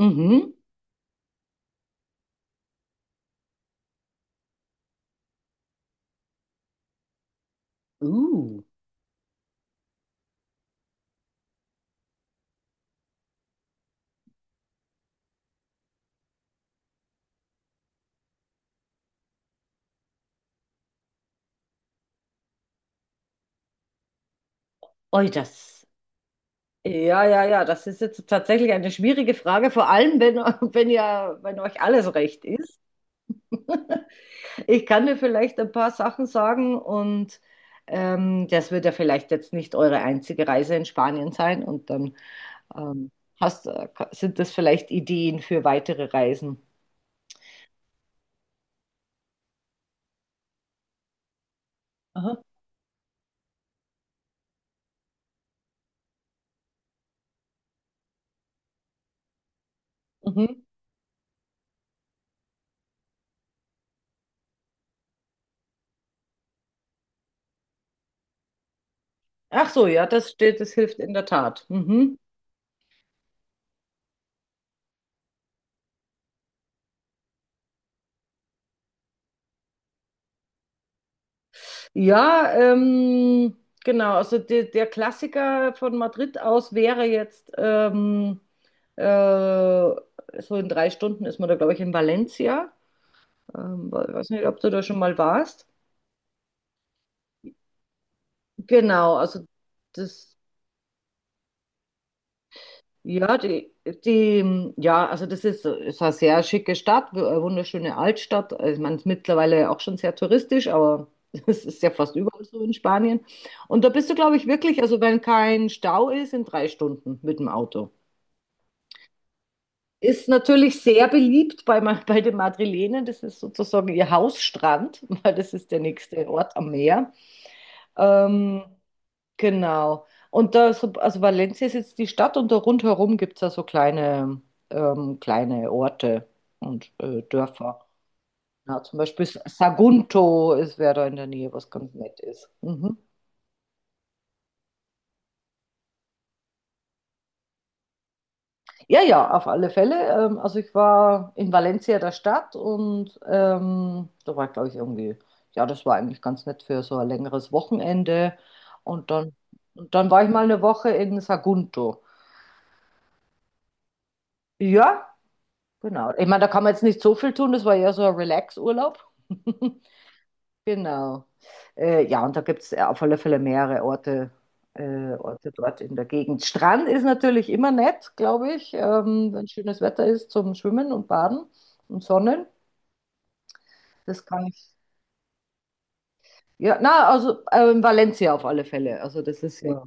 Mhm. Uh. Oi, das. Ja, ja, ja, das ist jetzt tatsächlich eine schwierige Frage, vor allem wenn, wenn ja, wenn euch alles recht ist. Ich kann dir vielleicht ein paar Sachen sagen und das wird ja vielleicht jetzt nicht eure einzige Reise in Spanien sein und dann ähm, sind das vielleicht Ideen für weitere Reisen. Aha. Mhm. Ach so, ja, das hilft in der Tat. Mhm. Ja, genau. Also der Klassiker von Madrid aus wäre jetzt so in 3 Stunden ist man da, glaube ich, in Valencia. Weiß nicht, ob du da schon mal warst. Genau, also das. Ja, ja, also das ist eine sehr schicke Stadt, eine wunderschöne Altstadt. Also ich meine, es ist mittlerweile auch schon sehr touristisch, aber es ist ja fast überall so in Spanien. Und da bist du, glaube ich, wirklich, also wenn kein Stau ist, in 3 Stunden mit dem Auto. Ist natürlich sehr beliebt bei den Madrilenen. Das ist sozusagen ihr Hausstrand, weil das ist der nächste Ort am Meer. Ähm, Genau. Und also Valencia ist jetzt die Stadt und da rundherum gibt es ja so kleine Orte und Dörfer. Ja, zum Beispiel Sagunto wäre da in der Nähe, was ganz nett ist. Mhm. Ja, ja, auf alle Fälle. Also ich war in Valencia der Stadt und da war ich, glaube ich, irgendwie, ja, das war eigentlich ganz nett für so ein längeres Wochenende. Und dann, und dann war ich mal eine Woche in Sagunto. Ja, genau. Ich meine, da kann man jetzt nicht so viel tun, das war ja so ein Relax-Urlaub. Genau. Ja, und da gibt es auf alle Fälle mehrere Orte dort in der Gegend. Strand ist natürlich immer nett, glaube ich, wenn schönes Wetter ist zum Schwimmen und Baden und Sonnen. Das kann ich. Ja, na, also Valencia auf alle Fälle. Also das ist ja.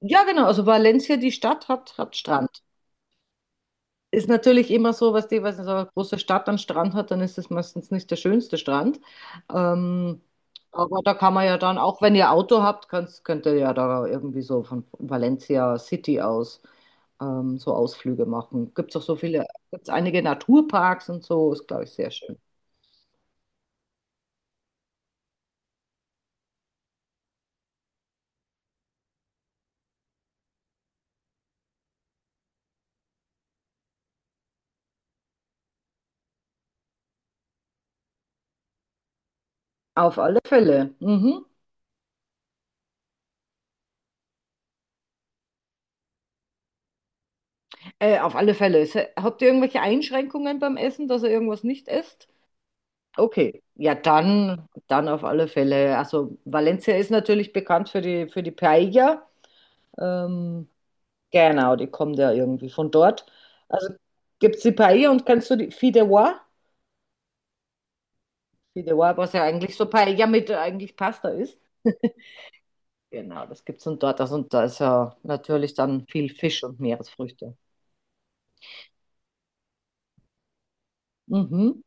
Ja, genau. Also Valencia, die Stadt, hat Strand. Ist natürlich immer so, was so eine große Stadt einen Strand hat, dann ist es meistens nicht der schönste Strand. Ähm, aber da kann man ja dann, auch wenn ihr Auto habt, könnt ihr ja da irgendwie so von Valencia City aus so Ausflüge machen. Gibt es einige Naturparks und so, ist, glaube ich, sehr schön. Auf alle Fälle. Mhm. Auf alle Fälle. Habt ihr irgendwelche Einschränkungen beim Essen, dass ihr irgendwas nicht esst? Okay, ja, dann auf alle Fälle. Also Valencia ist natürlich bekannt für die Paella. Ähm, genau, die kommt ja irgendwie von dort. Also gibt es die Paella und kannst du die Fideuà? Fideuà, was ja eigentlich so Paella mit eigentlich Pasta ist. Genau, das gibt es und dort. Also, und da ist ja natürlich dann viel Fisch und Meeresfrüchte. Mhm.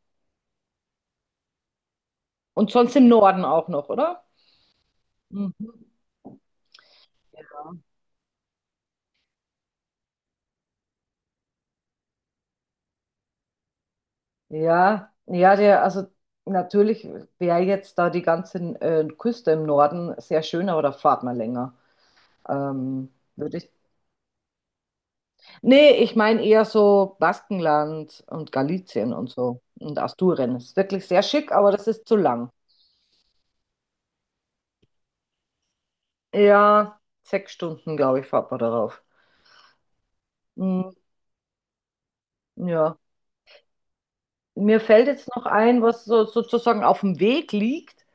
Und sonst im Norden auch noch, oder? Mhm. Ja, ja, also natürlich wäre jetzt da die ganze Küste im Norden sehr schön, aber da fahrt man länger. Ähm, Würde ich. Nee, ich meine eher so Baskenland und Galizien und so und Asturien. Ist wirklich sehr schick, aber das ist zu lang. Ja, 6 Stunden, glaube ich, fahrt man darauf. Mhm, ja. Mir fällt jetzt noch ein, was so, sozusagen auf dem Weg liegt.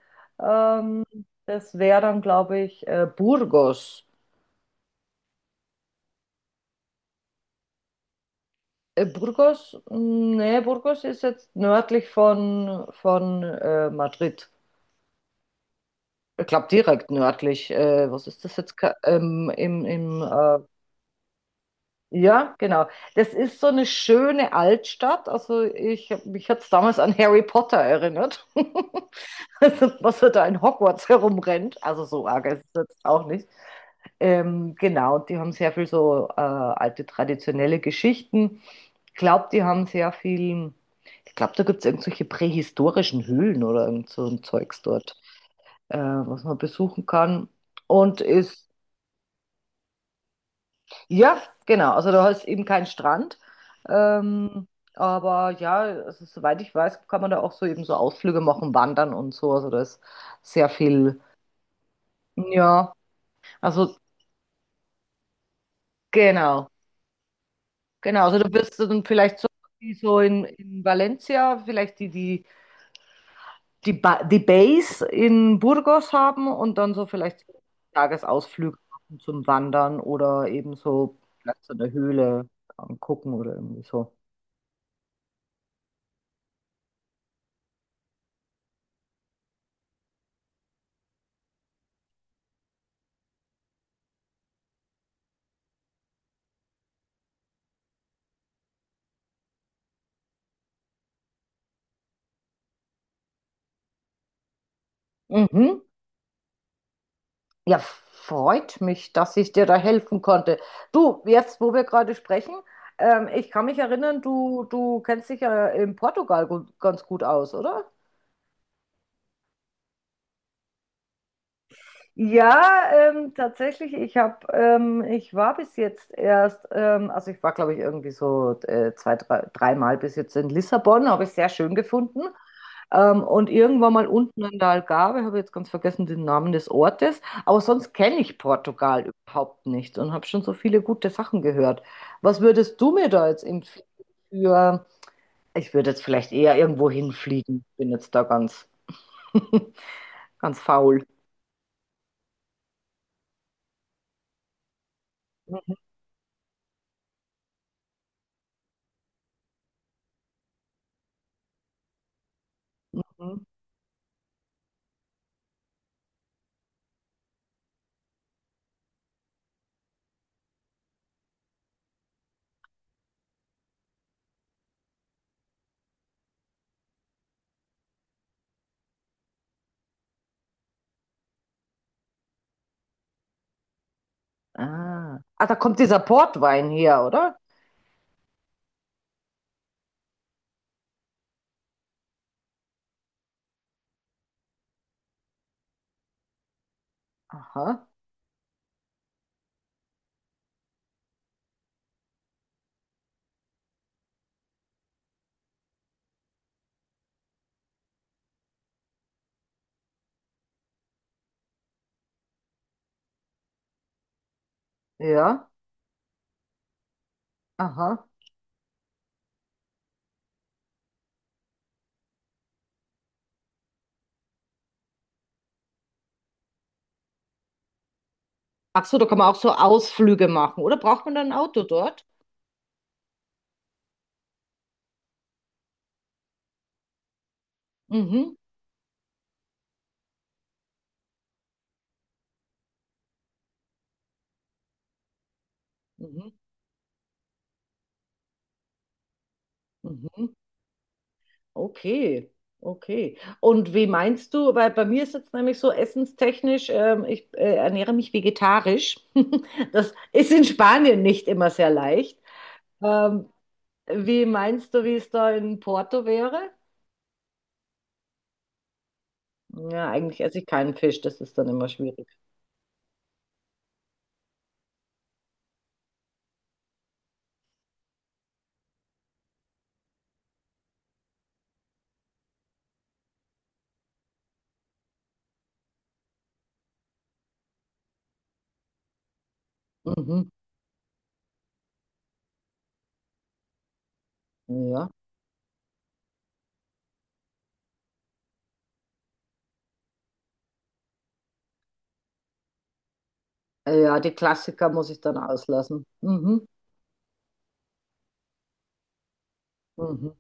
Ähm, Das wäre dann, glaube ich, Burgos. Burgos? Nee, Burgos ist jetzt nördlich von Madrid. Ich glaube direkt nördlich. Was ist das jetzt? Ja, genau. Das ist so eine schöne Altstadt. Also mich hat es damals an Harry Potter erinnert. Also, was er da in Hogwarts herumrennt. Also so arg ist es jetzt auch nicht. Genau, und die haben sehr viel so alte traditionelle Geschichten. Ich glaube, die haben sehr viel. Ich glaube, da gibt es irgendwelche prähistorischen Höhlen oder irgend so ein Zeugs dort, was man besuchen kann. Und ist, ja, genau, also da ist eben kein Strand. Ähm, aber ja, also, soweit ich weiß, kann man da auch so eben so Ausflüge machen, wandern und so. Also da ist sehr viel, ja, also genau, genau. Also du wirst du dann vielleicht so, wie so in Valencia, vielleicht die Base in Burgos haben und dann so vielleicht Tagesausflüge machen zum Wandern oder eben so Platz in der Höhle angucken oder irgendwie so. Mhm. Ja, freut mich, dass ich dir da helfen konnte. Du, jetzt, wo wir gerade sprechen, ich kann mich erinnern, du kennst dich ja in Portugal ganz gut aus, oder? Ja, tatsächlich, ich war bis jetzt erst, also ich war, glaube ich, irgendwie so zwei, drei, dreimal bis jetzt in Lissabon, habe ich sehr schön gefunden. Und irgendwann mal unten in der Algarve, habe ich jetzt ganz vergessen den Namen des Ortes, aber sonst kenne ich Portugal überhaupt nicht und habe schon so viele gute Sachen gehört. Was würdest du mir da jetzt empfehlen für, ich würde jetzt vielleicht eher irgendwo hinfliegen, bin jetzt da ganz, ganz faul. Ah. Ah, da kommt dieser Portwein her, oder? Aha. Ja. Aha. Ach so, da kann man auch so Ausflüge machen, oder? Braucht man dann ein Auto dort? Mhm. Mhm. Mhm. Okay. Okay. Und wie meinst du, weil bei mir ist jetzt nämlich so essenstechnisch, ich ernähre mich vegetarisch. Das ist in Spanien nicht immer sehr leicht. Ähm, Wie meinst du, wie es da in Porto wäre? Ja, eigentlich esse ich keinen Fisch, das ist dann immer schwierig. Mhm. Ja. Ja, die Klassiker muss ich dann auslassen. Mhm. Mhm.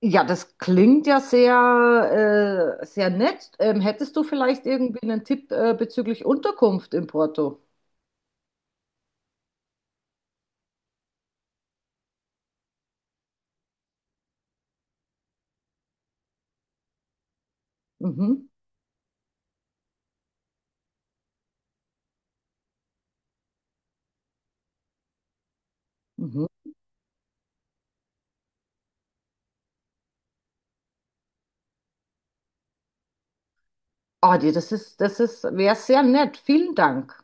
Ja, das klingt ja sehr nett. Hättest du vielleicht irgendwie einen Tipp bezüglich Unterkunft in Porto? Mhm. Mhm. Ah, die, das ist, wäre sehr nett. Vielen Dank.